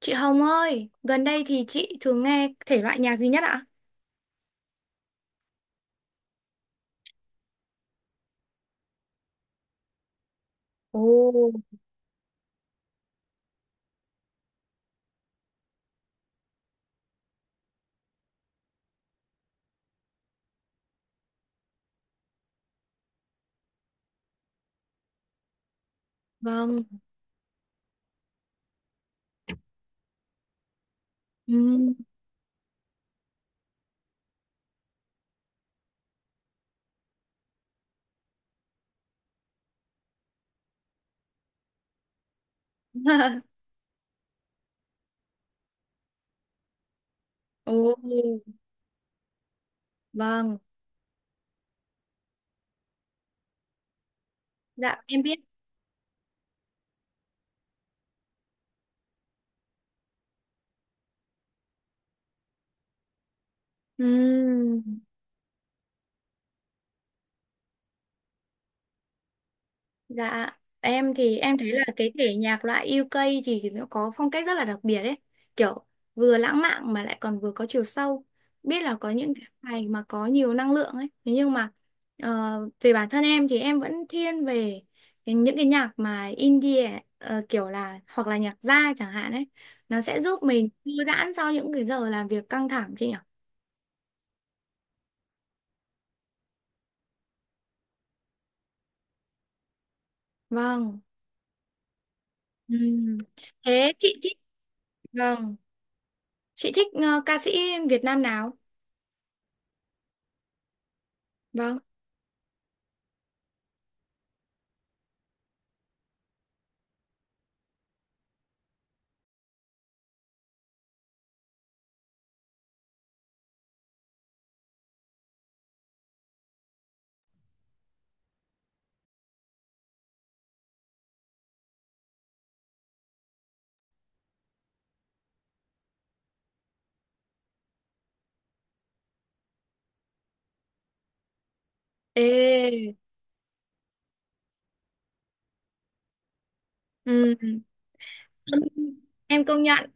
Chị Hồng ơi, gần đây thì chị thường nghe thể loại nhạc gì nhất ạ? Ồ, vâng. Ừ. Ồ, vâng. Dạ, em biết. Ừ. Dạ, em thì em thấy là cái thể nhạc loại UK thì nó có phong cách rất là đặc biệt ấy. Kiểu vừa lãng mạn mà lại còn vừa có chiều sâu. Biết là có những cái bài mà có nhiều năng lượng ấy. Thế nhưng mà về bản thân em thì em vẫn thiên về những cái nhạc mà indie kiểu là hoặc là nhạc jazz chẳng hạn ấy. Nó sẽ giúp mình thư giãn sau những cái giờ làm việc căng thẳng chị nhỉ? Vâng. Ừm. Thế chị thích vâng, chị thích ca sĩ Việt Nam nào? Vâng. Ê, ừ, em công nhận.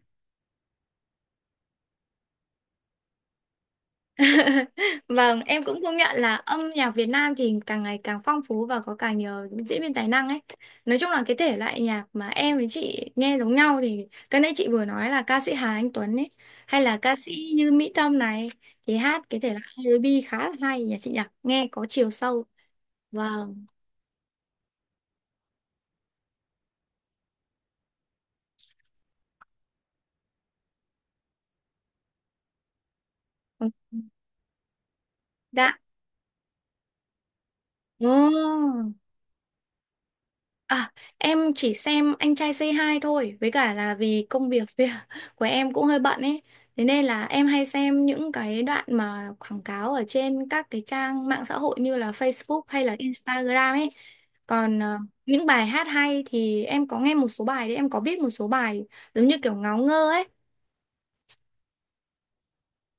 Vâng, em cũng công nhận là âm nhạc Việt Nam thì càng ngày càng phong phú và có càng nhiều diễn viên tài năng ấy. Nói chung là cái thể loại nhạc mà em với chị nghe giống nhau thì cái nãy chị vừa nói là ca sĩ Hà Anh Tuấn ấy, hay là ca sĩ như Mỹ Tâm này thì hát cái thể loại R&B khá là hay nhỉ chị nhỉ, nghe có chiều sâu. Vâng. Dạ. Ồ. À, em chỉ xem Anh trai C2 thôi, với cả là vì công việc việc của em cũng hơi bận ấy. Thế nên là em hay xem những cái đoạn mà quảng cáo ở trên các cái trang mạng xã hội như là Facebook hay là Instagram ấy. Còn những bài hát hay thì em có nghe một số bài đấy, em có biết một số bài giống như kiểu ngáo ngơ ấy.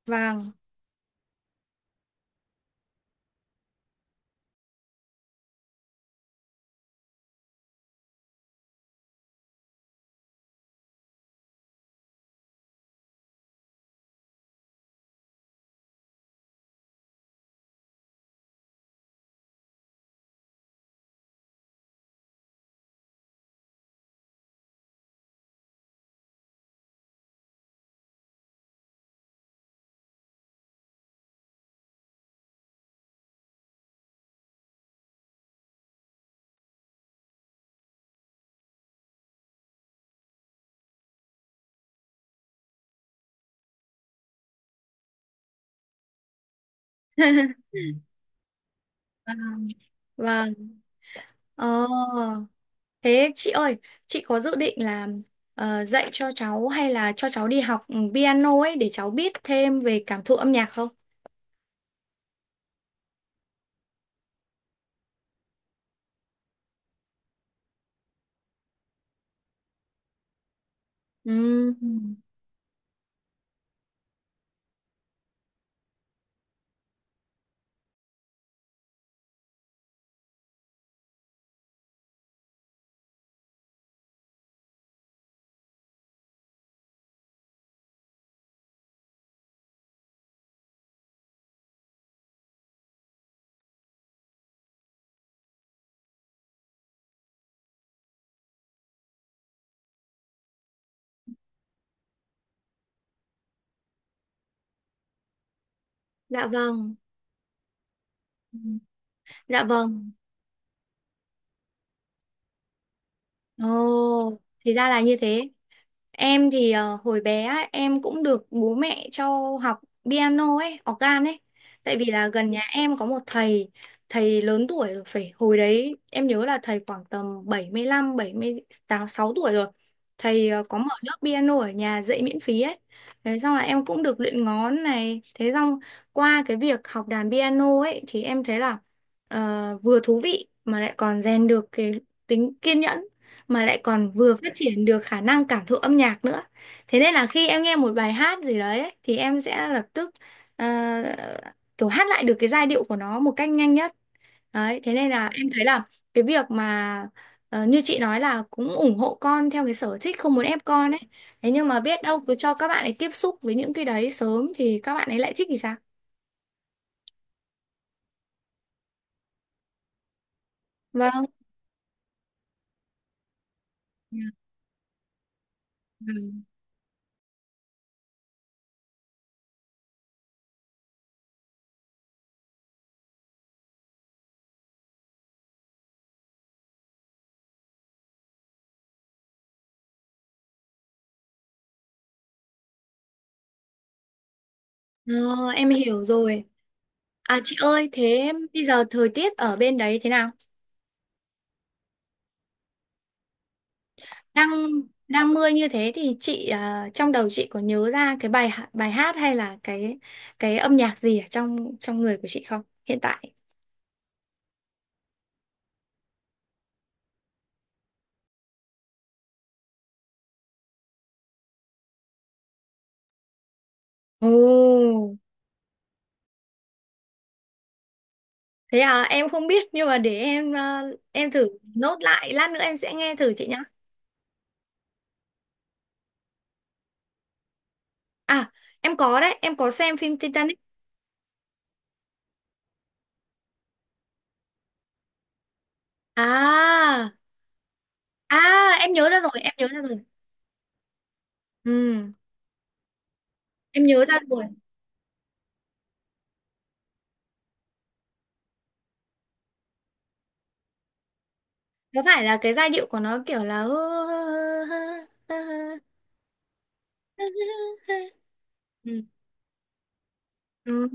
Vâng. Vâng. Ờ. Thế chị ơi, chị có dự định là dạy cho cháu hay là cho cháu đi học ừ, piano ấy để cháu biết thêm về cảm thụ âm nhạc không? Ừm, dạ vâng, dạ vâng. Ồ, thì ra là như thế. Em thì hồi bé á, em cũng được bố mẹ cho học piano ấy, organ ấy. Tại vì là gần nhà em có một thầy, thầy lớn tuổi rồi phải hồi đấy em nhớ là thầy khoảng tầm 75, sáu tuổi rồi. Thầy có mở lớp piano ở nhà dạy miễn phí ấy. Thế xong là em cũng được luyện ngón này. Thế xong qua cái việc học đàn piano ấy thì em thấy là vừa thú vị mà lại còn rèn được cái tính kiên nhẫn mà lại còn vừa phát triển được khả năng cảm thụ âm nhạc nữa. Thế nên là khi em nghe một bài hát gì đấy ấy, thì em sẽ lập tức ờ, kiểu hát lại được cái giai điệu của nó một cách nhanh nhất. Đấy, thế nên là em thấy là cái việc mà như chị nói là cũng ủng hộ con theo cái sở thích không muốn ép con ấy. Thế nhưng mà biết đâu cứ cho các bạn ấy tiếp xúc với những cái đấy sớm thì các bạn ấy lại thích thì sao? Vâng. Vâng. Ờ, em hiểu rồi. À chị ơi, thế bây giờ thời tiết ở bên đấy thế nào? Đang đang mưa như thế thì chị à, trong đầu chị có nhớ ra cái bài hát hay là cái âm nhạc gì ở trong trong người của chị không hiện tại? Ồ, thế à em không biết nhưng mà để em à, em thử nốt lại lát nữa em sẽ nghe thử chị nhá. À em có đấy em có xem phim Titanic. À à em nhớ ra rồi. Ừ em nhớ ra rồi. Có phải là cái giai điệu của nó kiểu là ừ. Ừ.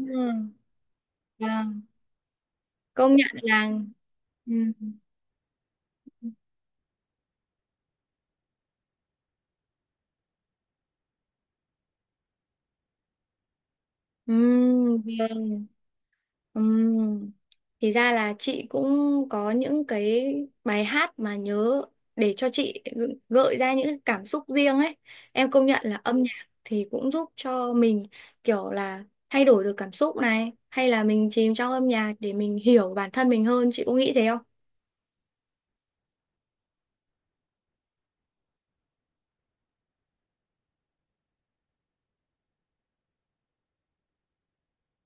Vâng, công nhận là ừm, vâng, ừm. Thì ra là chị cũng có những cái bài hát mà nhớ để cho chị gợi ra những cái cảm xúc riêng ấy. Em công nhận là âm nhạc thì cũng giúp cho mình kiểu là thay đổi được cảm xúc này, hay là mình chìm trong âm nhạc để mình hiểu bản thân mình hơn, chị có nghĩ thế không?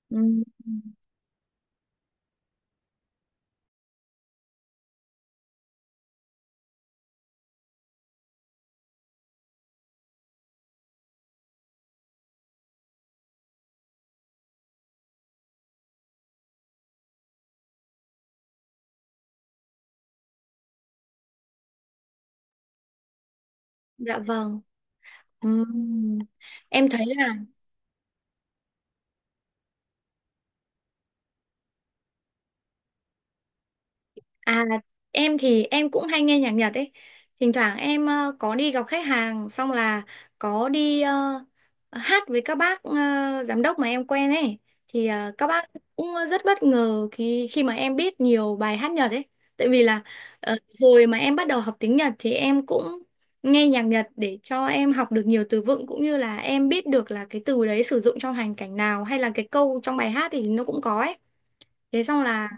Ừm. Dạ vâng. Ừm. Em thấy là à em thì em cũng hay nghe nhạc Nhật ấy. Thỉnh thoảng em có đi gặp khách hàng xong là có đi hát với các bác giám đốc mà em quen ấy thì các bác cũng rất bất ngờ khi khi mà em biết nhiều bài hát Nhật ấy. Tại vì là hồi mà em bắt đầu học tiếng Nhật thì em cũng nghe nhạc Nhật để cho em học được nhiều từ vựng cũng như là em biết được là cái từ đấy sử dụng trong hoàn cảnh nào hay là cái câu trong bài hát thì nó cũng có ấy. Thế xong là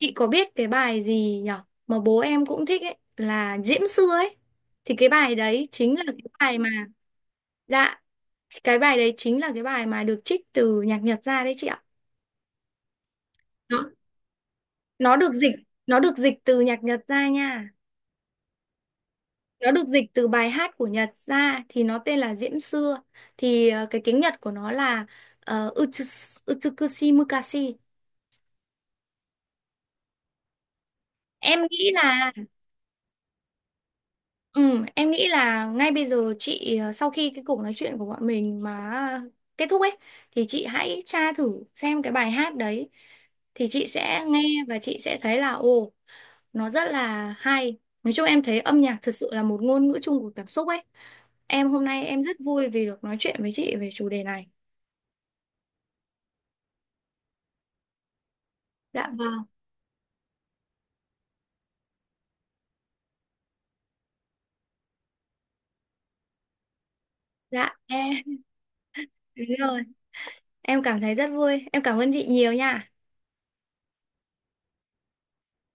chị có biết cái bài gì nhở mà bố em cũng thích ấy là Diễm Xưa ấy. Thì cái bài đấy chính là cái bài mà dạ cái bài đấy chính là cái bài mà được trích từ nhạc Nhật ra đấy chị ạ. Nó nó được dịch nó được dịch từ nhạc Nhật ra nha. Nó được dịch từ bài hát của Nhật ra thì nó tên là Diễm Xưa. Thì cái tiếng Nhật của nó là uh, Utsukushi Mukashi. Em nghĩ là ừ, em nghĩ là ngay bây giờ chị sau khi cái cuộc nói chuyện của bọn mình mà kết thúc ấy thì chị hãy tra thử xem cái bài hát đấy thì chị sẽ nghe và chị sẽ thấy là ồ nó rất là hay. Nói chung em thấy âm nhạc thật sự là một ngôn ngữ chung của cảm xúc ấy. Em hôm nay em rất vui vì được nói chuyện với chị về chủ đề này. Dạ vâng. Dạ em đúng rồi. Em cảm thấy rất vui. Em cảm ơn chị nhiều nha.